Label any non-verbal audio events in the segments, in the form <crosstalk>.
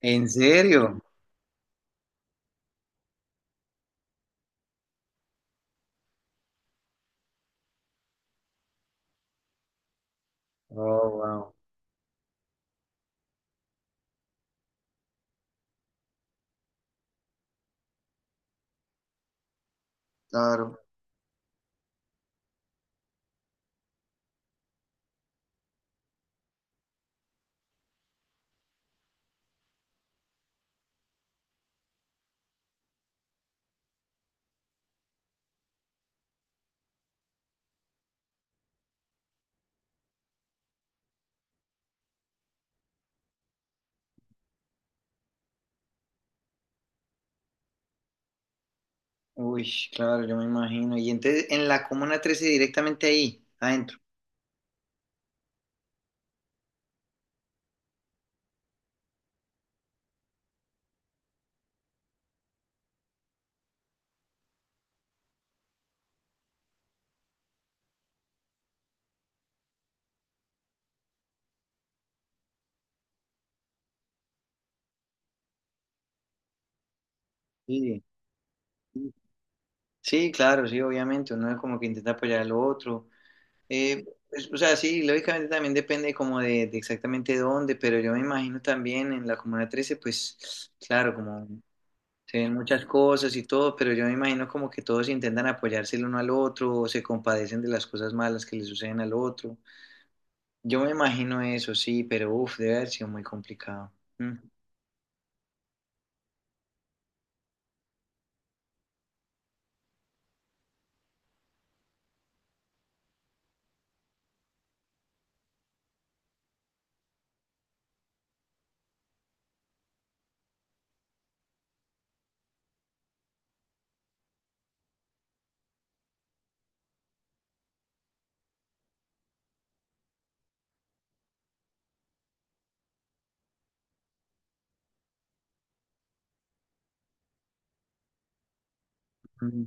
¿En serio? Oh, wow. Claro. Uy, claro, yo me imagino. Y entonces en la Comuna Trece directamente ahí, adentro. Sí, sí, claro, sí, obviamente. Uno es como que intenta apoyar al otro. Eh, es- o sea, sí, lógicamente también depende como de exactamente dónde, pero yo me imagino también en la Comuna Trece, pues, claro, como se ven muchas cosas y todo, pero yo me imagino como que todos intentan apoyarse el uno al otro o se compadecen de las cosas malas que le suceden al otro. Yo me imagino eso, sí, pero uff, debe haber sido muy complicado. Mm, mm,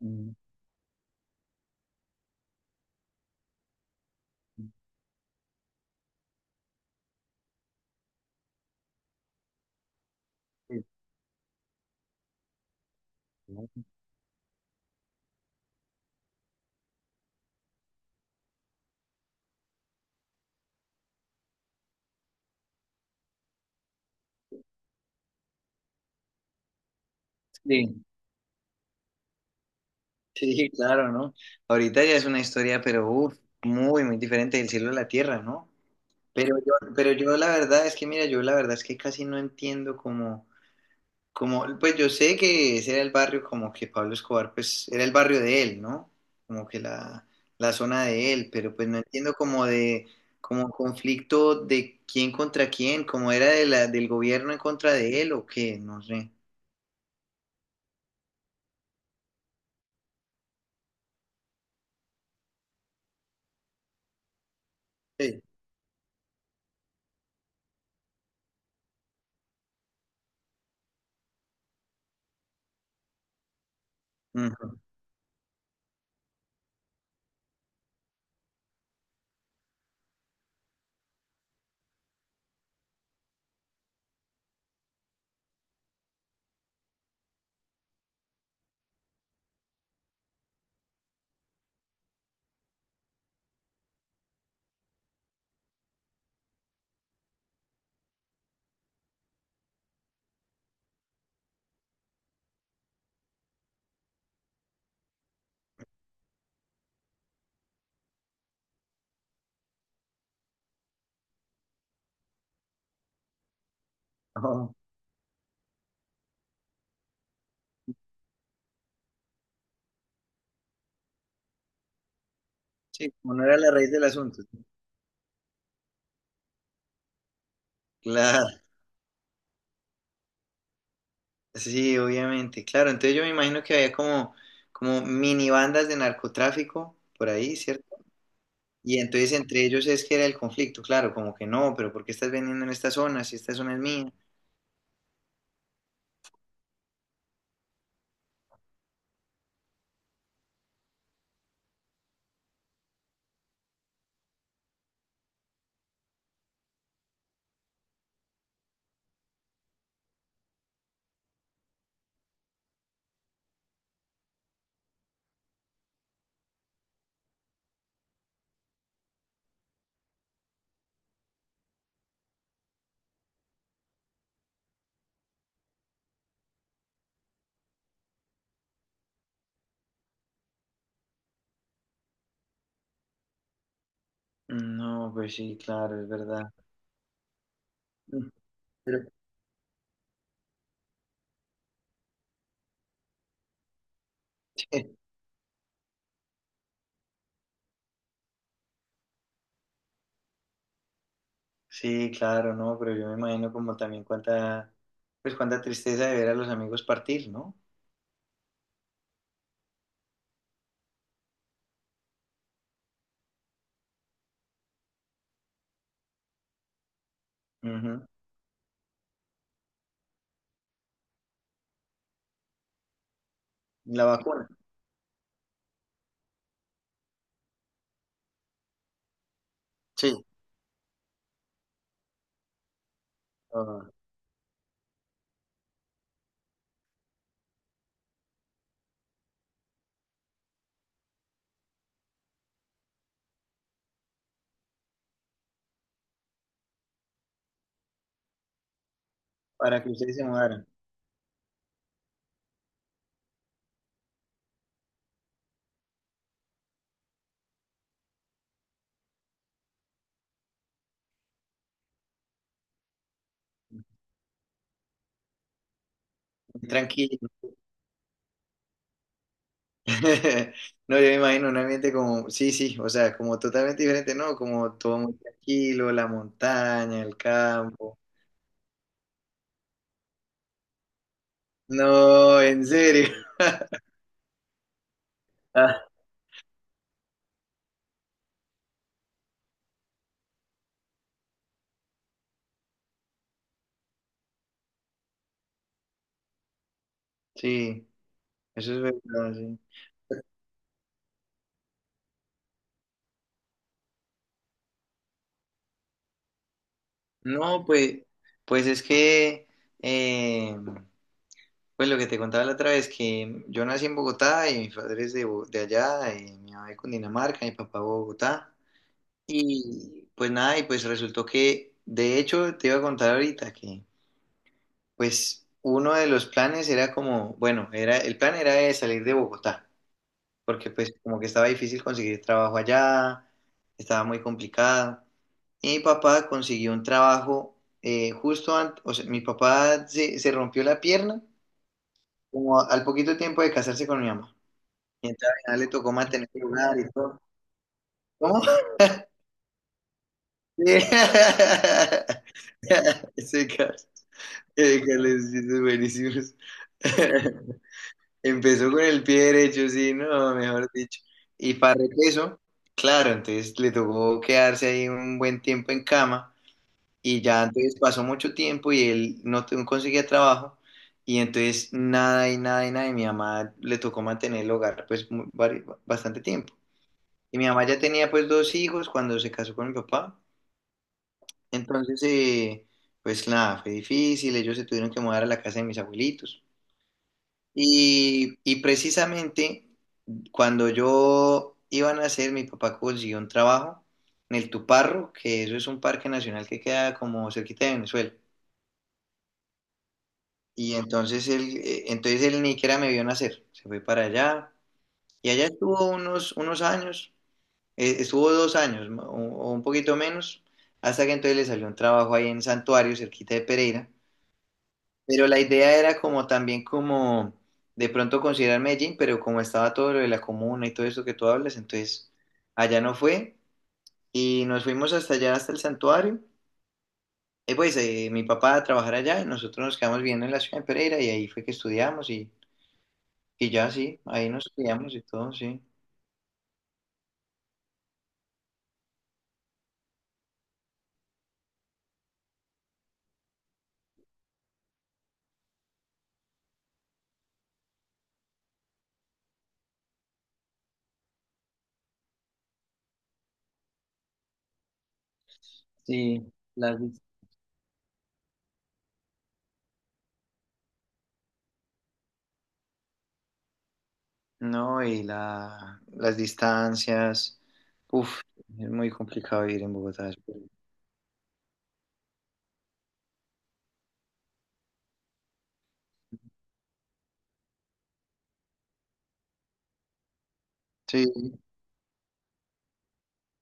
mm, mm. Sí, ¿no? Sí, <laughs> sí, claro, ¿no? Ahorita ya es una historia, pero uff, muy, muy diferente del cielo a la tierra, ¿no? Pero yo la verdad es que, mira, yo la verdad es que casi no entiendo cómo. Como, pues yo sé que ese era el barrio como que Pablo Escobar, pues era el barrio de él, ¿no? Como que la, la zona de él, pero pues no entiendo como conflicto de quién contra quién, como era de del gobierno en contra de él o qué, no sé. Sí, ujú. Ajá. Sí, como no era la raíz del asunto. Claro, sí, obviamente, claro. Entonces yo me imagino que había como, como mini bandas de narcotráfico por ahí, ¿cierto? Y entonces entre ellos es que era el conflicto, claro, como que no, pero ¿por qué estás vendiendo en esta zona si esta zona es mía? Mm, no, pues sí, claro, es verdad. Mm, pero... <laughs> Sí, claro, no, pero yo me imagino como también cuánta, pues cuánta tristeza de ver a los amigos partir, ¿no? Ujú. La vacuna, sí, ah, para que ustedes se mudaran. Tranquilo. <laughs> No, yo me imagino un ambiente como, sí, sí, o sea, como totalmente diferente, ¿no? Como todo muy tranquilo, la montaña, el campo. No, en serio. <laughs> Ah, sí, eso es verdad, sí. No, pues, pues es que, eh, pues lo que te contaba la otra vez, que yo nací en Bogotá y mis padres de, Bo- de allá, y mi mamá de Cundinamarca, mi papá de Bogotá. Y pues nada, y pues resultó que, de hecho, te iba a contar ahorita que, pues, uno de los planes era como, bueno, era, el plan era de salir de Bogotá. Porque pues como que estaba difícil conseguir trabajo allá, estaba muy complicado. Y mi papá consiguió un trabajo justo antes, o sea, mi papá se rompió la pierna como al poquito tiempo de casarse con mi mamá. Y entonces al final le tocó mantener el lugar y todo. ¿Cómo? Sí. <laughs> Ese caso, ese caso es buenísimo. <laughs> Empezó con el pie derecho, sí, no, mejor dicho. Y para repeso, claro, entonces le tocó quedarse ahí un buen tiempo en cama y ya entonces pasó mucho tiempo y él no te- no conseguía trabajo y entonces nada y nada y nada y mi mamá le tocó mantener el hogar pues mu- vari- bastante tiempo. Y mi mamá ya tenía pues dos hijos cuando se casó con mi papá, entonces pues nada, fue difícil, ellos se tuvieron que mudar a la casa de mis abuelitos. Y precisamente cuando yo iba a nacer, mi papá consiguió un trabajo en el Tuparro, que eso es un parque nacional que queda como cerquita de Venezuela. Y entonces él ni siquiera me vio nacer. Se fue para allá y allá estuvo unos años, estuvo dos años ma- o un poquito menos, hasta que entonces le salió un trabajo ahí en Santuario, cerquita de Pereira. Pero la idea era como también como de pronto considerar Medellín, pero como estaba todo lo de la comuna y todo eso que tú hablas, entonces allá no fue. Y nos fuimos hasta allá, hasta el santuario. Y pues mi papá a trabajar allá y nosotros nos quedamos viviendo en la ciudad de Pereira y ahí fue que estudiamos y ya sí, ahí nos estudiamos y todo, sí. Sí, las dis- No, las distancias, uff, es muy complicado vivir en Bogotá. Sí,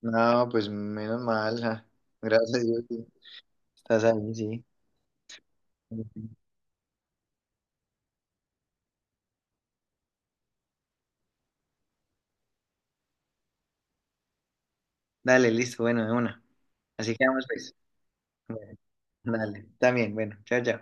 no, pues menos mal, ja. Gracias a Dios, sí. Estás ahí, sí. Dale, listo, bueno, de una. Así quedamos, pues. Bueno, dale, también, bueno, chao, chao.